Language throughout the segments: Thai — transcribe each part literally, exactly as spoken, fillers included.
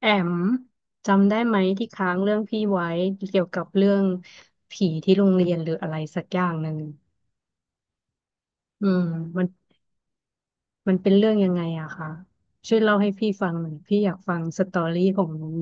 แอมจำได้ไหมที่ค้างเรื่องพี่ไว้เกี่ยวกับเรื่องผีที่โรงเรียนหรืออะไรสักอย่างหนึ่งอืมมันมันเป็นเรื่องยังไงอะคะช่วยเล่าให้พี่ฟังหน่อยพี่อยากฟังสตอรี่ของมัน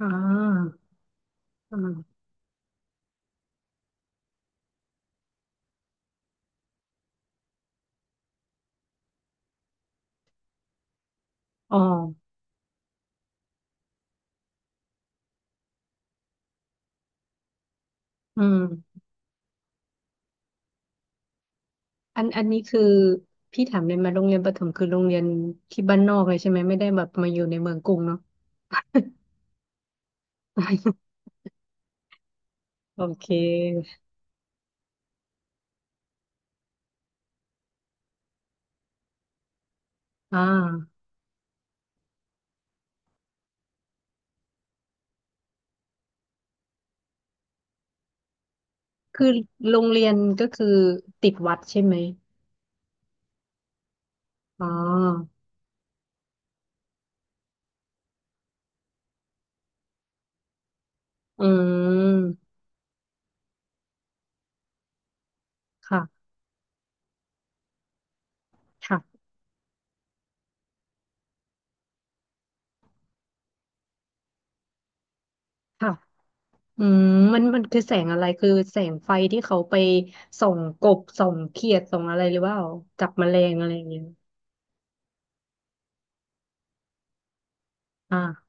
อ่าอาอ๋ออืมอันอันนี้คือพี่ถามเลยมาโรงเรียนประถมคือโรงเรียนที่บ้านนอกเลยใช่ไหมไม่ได้แบบมาอยู่ในเมืองกรุงเนาะ โอเคอ่าคือโรงเรียนก็คือติดวัดใช่ไหมอ๋อ อืมค่ะ ค่ะค่ะอืมมันมันคือแสงอะไร คือแสงไฟที่เขาไปส่องกบ ส่องเขียดส่องอะไรหรือเปล่าจับแมลงอะไรอย่างเงี้ยอ่า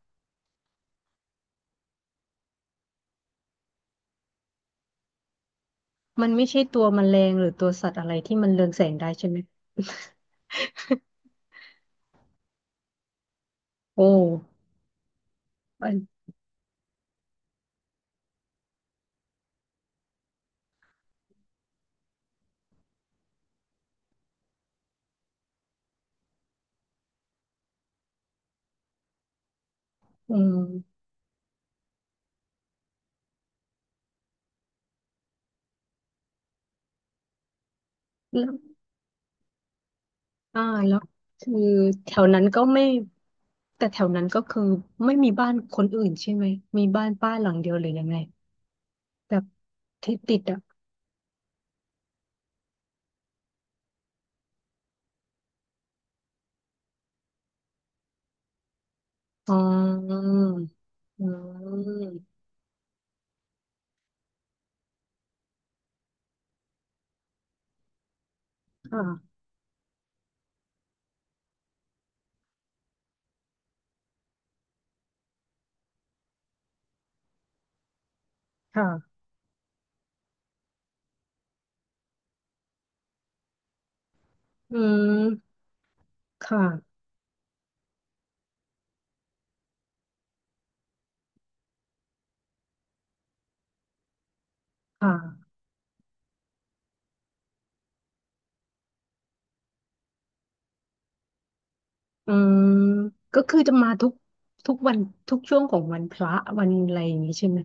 มันไม่ใช่ตัวแมลงหรือตัวสัตว์อะไรที่มันเรืองแสงได้ใช่ไหม โอ้อันอืมแล้วอ่าแล้วคือแถวนั้นก็ไม่ แต่แถวนั้นก็คือไม่มีบ้านคนอื่นใช่ไหม มีบ้านป้าหลังเดียวหรือยังไงแบบที่ติดอ่ะอ๋ออืม ค่ะค่ะอืมค่ะค่ะอืมก็คือจะมาทุกทุกวันทุกช่วงของวันพระวันอะไรอย่างนี้ใช่ไหม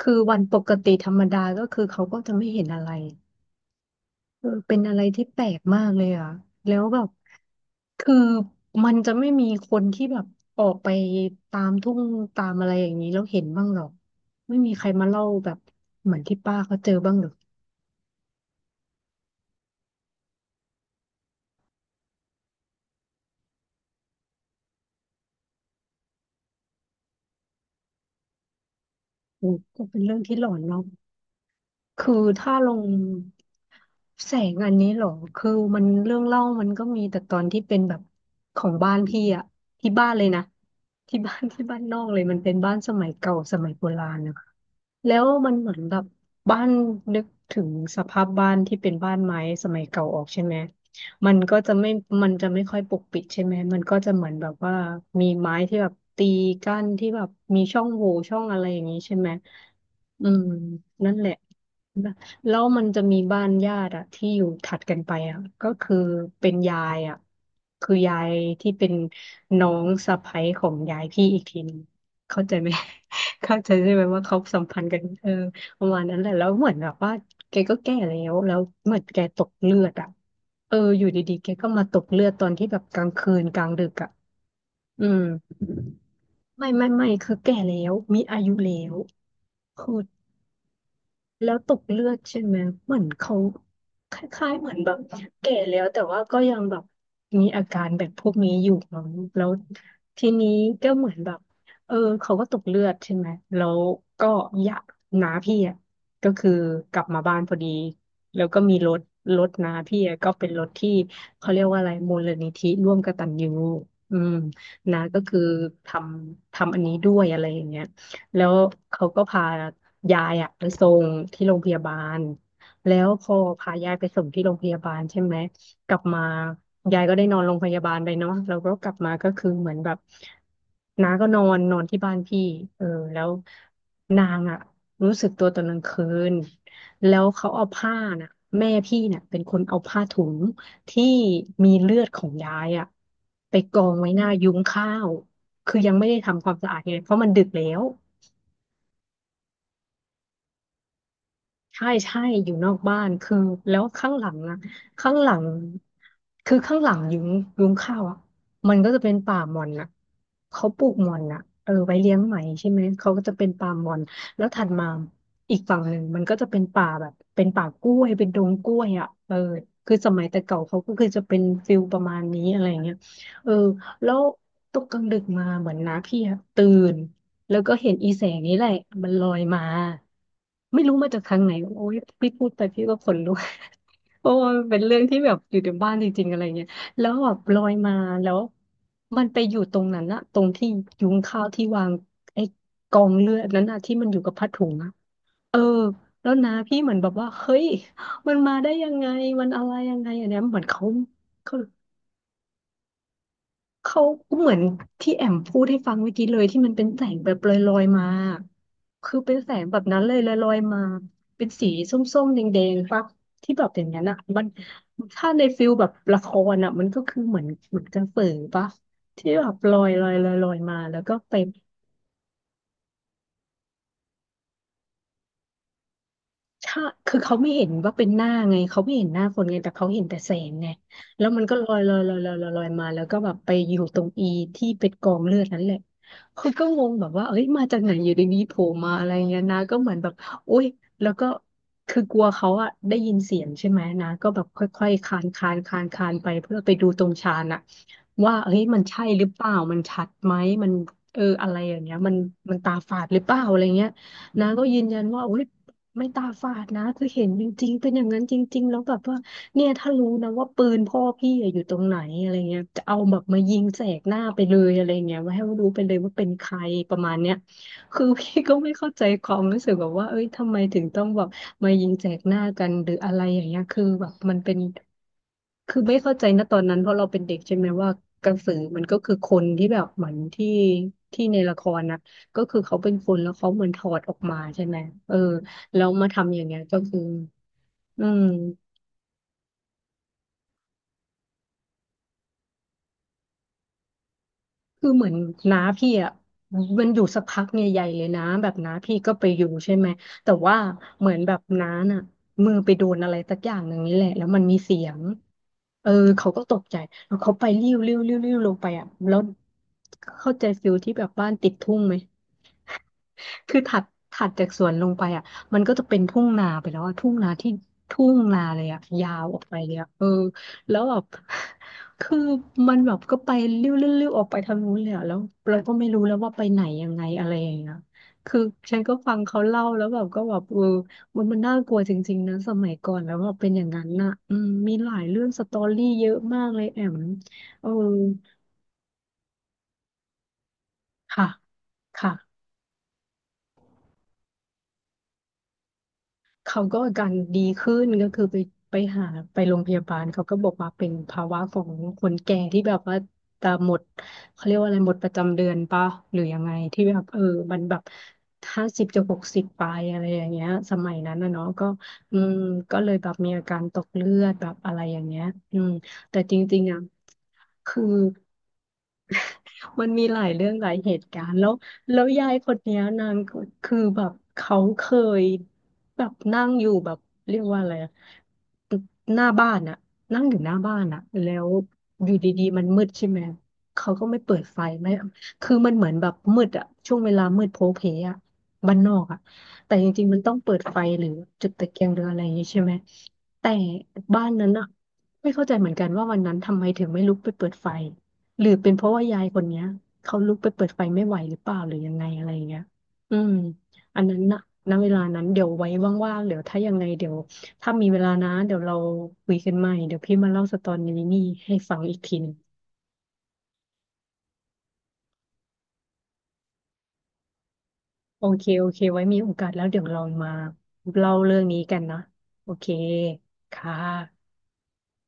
คือวันปกติธรรมดาก็คือเขาก็จะไม่เห็นอะไรเออเป็นอะไรที่แปลกมากเลยอ่ะแล้วแบบคือมันจะไม่มีคนที่แบบออกไปตามทุ่งตามอะไรอย่างนี้แล้วเห็นบ้างหรอกไม่มีใครมาเล่าแบบเหมือนที่ป้าเขาเจอบ้างหรอกโอ้ก็เป็นเรื่องที่หลอนเนาะ คือถ้าลงแสงอันนี้เหรอ คือมันเรื่องเล่ามันก็มีแต่ตอนที่เป็นแบบของบ้านพี่อะที่บ้าน เลยนะที่บ้านที่บ้านนอกเลยมันเป็นบ้านสมัยเก่าสมัยโบราณนะ แล้วมันเหมือนแบบบ้านนึกถึงสภาพบ้านที่เป็นบ้านไม้สมัยเก่าออกใช่ไหมมันก็จะไม่มันจะไม่ค่อยปกปิดใช่ไหมมันก็จะเหมือนแบบว่ามีไม้ที่แบบตีกั้นที่แบบมีช่องโหว่ช่องอะไรอย่างนี้ใช่ไหมอืมนั่นแหละแล้วมันจะมีบ้านญาติอะที่อยู่ถัดกันไปอะก็คือเป็นยายอะคือยายที่เป็นน้องสะใภ้ของยายพี่อีกทีหนึงเข้าใจไหม เข้าใจใช่ไหมว่าเขาสัมพันธ์กันเออประมาณนั้นแหละแล้วเหมือนแบบว่าแกก็แก่แล้วแล้วเหมือนแกตกเลือดอ่ะเอออยู่ดีๆแกก็มาตกเลือดตอนที่แบบกลางคืนกลางดึกอ่ะอืมไม่ไม่ไม่คือแก่แล้วมีอายุแล้วคือ แล้วตกเลือดใช่ไหมเหมือนเขาคล้ายๆเหมือนแบบแก่แล้วแต่ว่าก็ยังแบบมีอาการแบบพวกนี้อยู่มั้งแล้วทีนี้ก็เหมือนแบบเออเขาก็ตกเลือดใช่ไหมแล้วก็อยากน้าพี่อ่ะก็คือกลับมาบ้านพอดีแล้วก็มีรถรถน้าพี่อะก็เป็นรถที่เขาเรียกว่าอะไรมูลนิธิร่วมกตัญญูอืมนะก็คือทำทำอันนี้ด้วยอะไรอย่างเงี้ย แล้วเขาก็พายายอะไปส่งที่โรงพยาบาลแล้วพอพายายไปส่งที่โรงพยาบาลใช่ไหมกลับมายายก็ได้นอนโรงพยาบาลไปเนาะแล้วก็กลับมาก็คือเหมือนแบบน้าก็นอนนอนที่บ้านพี่เออแล้วนางอะรู้สึกตัวตอนกลางคืนแล้วเขาเอาผ้าน่ะแม่พี่น่ะเป็นคนเอาผ้าถุงที่มีเลือดของยายอะไปกองไว้หน้ายุ้งข้าวคือยังไม่ได้ทำความสะอาดเลยเพราะมันดึกแล้ว ใช่ใช่อยู่นอกบ้านคือแล้วข้างหลังอะข้างหลังคือข้างหลังยุ้งยุ้งข้าวอะมันก็จะเป็นป่าหม่อนอะเขาปลูกหม่อนอะเออไว้เลี้ยงไหมใช่ไหมเขาก็จะเป็นป่าหม่อนแล้วถัดมาอีกฝั่งหนึ่งมันก็จะเป็นป่าแบบเป็นป่ากล้วยเป็นดงกล้วยอะเออคือสมัยแต่เก่าเขาก็คือจะเป็นฟิลประมาณนี้อะไรเงี้ยเออแล้วตกกลางดึกมาเหมือนน้าพี่อะตื่น แล้วก็เห็นอีแสงนี้แหละมันลอยมาไม่รู้มาจากทางไหนโอ้ยพี่พูดไปพี่ก็ขนลุก เพราะว่ามันเป็นเรื่องที่แบบอยู่ในบ้านจริงๆอะไรเงี้ยแล้วแบบลอยมาแล้วมันไปอยู่ตรงนั้นอะตรงที่ยุงข้าวที่วางไอ้กองเลือดนั้นอะที่มันอยู่กับผ้าถุงอะเออแล้วนะพี่เหมือนแบบว่าเฮ้ยมันมาได้ยังไงมันอะไรยังไงอันเนี้ยเหมือนเขา เขาเหมือนที่แอมพูดให้ฟังเมื่อกี้เลยที่มันเป็นแสงแบบลอยๆมาคือเป็นแสงแบบนั้นเลยลอยๆมาเป็นสีส้มๆแดงๆปะที่แบบอย่างนั้นอ่ะมันถ้าในฟิลแบบละครอ่ะมันก็คือเหมือนเหมือนกระสือปะที่แบบลอยลอยลอยลอยมาแล้วก็ไป ใช่คือเขาไม่เห็นว่าเป็นหน้าไงเขาไม่เห็นหน้าคนไงแต่เขาเห็นแต่แสงไงแล้วมันก็ลอยลอยลอยลอยลอยลอยมาแล้วก็แบบไปอยู่ตรงอีที่เป็นกองเลือดนั่นแหละคือก็งงแบบว่าเอ้ยมาจากไหนอยู่ดีๆโผล่มาอะไรเงี้ยนะก็เหมือนแบบโอ๊ยแล้วก็คือกลัวเขาอะได้ยินเสียงใช่ไหมนะก็แบบค่อยๆคลานคลานคลานคลานไปเพื่อไปดูตรงชานอะว่าเอ้ยมันใช่หรือเปล่ามันชัดไหมมันเอออะไรอย่างเงี้ยมันมันตาฝาดหรือเปล่าอะไรเงี้ยนะก็ยืนยันว่าโอ๊ย ไม่ตาฝาดนะคือเห็นจริงๆเป็นอย่างนั้นจริงๆแล้วแบบว่าเนี่ยถ้ารู้นะว่าปืนพ่อพี่อะอยู่ตรงไหนอะไรเงี้ยจะเอาแบบมายิงแสกหน้าไปเลยอะไรเงี้ยว่าให้รู้ไปเลยว่าเป็นใครประมาณเนี้ยคือพี่ก็ไม่เข้าใจความรู้สึกแบบว่าเอ้ยทำไมถึงต้องแบบมายิงแสกหน้ากันหรืออะไรอย่างเงี้ยคือแบบมันเป็น คือไม่เข้าใจนะตอนนั้นเพราะเราเป็นเด็กใช่ไหมว่ากระสือมันก็คือคนที่แบบเหมือนที่ที่ในละครนะก็คือเขาเป็นคนแล้วเขาเหมือนถอดออกมาใช่ไหมเออแล้วมาทำอย่างเงี้ยก็คืออืม คือเหมือนน้าพี่อ่ะมันอยู่สักพักเนี่ยใหญ่เลยนะแบบน้าพี่ก็ไปอยู่ใช่ไหมแต่ว่าเหมือนแบบน้าน่ะมือไปโดนอะไรสักอย่างหนึ่งนี่แหละแล้วมันมีเสียงเออเขาก็ตกใจแล้วเขาไปริ้วริ้วริ้วริ้วลงไปอ่ะแล้วเข้าใจฟิลที่แบบบ้านติดทุ่งไหม คือถัดถัดจากสวนลงไปอ่ะมันก็จะเป็นทุ่งนาไปแล้วอ่ะทุ่งนาที่ทุ่งนาเลยอ่ะยาวออกไปเลยอ่ะเออแล้วแบบ คือมันแบบก็ไปเลี้ยวๆออกไปทางนู้นเลยอ่ะแล้วเราก็ไม่รู้แล้วว่าไปไหนยังไงอะไรอย่างเงี้ยคือฉันก็ฟังเขาเล่าแล้วแบบก็แบบเออมันมันน่ากลัวจริงๆนะสมัยก่อนแล้วว่าเป็นอย่างนั้นน่ะอืมมีหลายเรื่องสตอรี่เยอะมากเลยแอมเออค่ะค่ะ เขาก็อาการดีขึ้นก็คือไปไปหาไปโรงพยาบาลเขาก็บอกว่าเป็นภาวะของคนแก่ที่แบบว่าตาหมดเขาเรียกว่าอะไรหมดประจำเดือนปะหรือยังไงที่แบบเออมันแบบห้าสิบจะหกสิบไปอะไรอย่างเงี้ยสมัยนั้นนะเนาะก็อืมก็เลยแบบมีอาการตกเลือดแบบอะไรอย่างเงี้ยอืมแต่จริงๆอ่ะคือ มันมีหลายเรื่องหลายเหตุการณ์แล้วแล้วยายคนเนี้ยนางก็คือแบบเขาเคยแบบนั่งอยู่แบบเรียกว่าอะไรอะหน้าบ้านอะนั่งอยู่หน้าบ้านอะแล้วอยู่ดีๆมันมืดใช่ไหมเขาก็ไม่เปิดไฟไม่คือมันเหมือนแบบมืดอะช่วงเวลามืดโพลเพอะบ้านนอกอะแต่จริงๆมันต้องเปิดไฟหรือจุดตะเกียงหรืออะไรอย่างงี้ใช่ไหมแต่บ้านนั้นอะไม่เข้าใจเหมือนกันว่าวันนั้นทำไมถึงไม่ลุกไปเปิดไฟ หรือเป็นเพราะว่ายายคนเนี้ยเขาลุกไปเปิดไฟไม่ไหวหรือเปล่าหรือยังไงอะไรอย่างเงี้ยอืมอันนั้นนะณเวลานั้นเดี๋ยวไว้ว่างๆเดี๋ยวถ้ายังไงเดี๋ยวถ้ามีเวลานะเดี๋ยวเราคุยกันใหม่เดี๋ยวพี่มาเล่าสตอรี่นี่ให้ฟังอีกทีหนึงโอเคโอเคไว้มีโอกาสแล้วเดี๋ยวเรามาเล่าเรื่องนี้กันนะโอเคค่ะ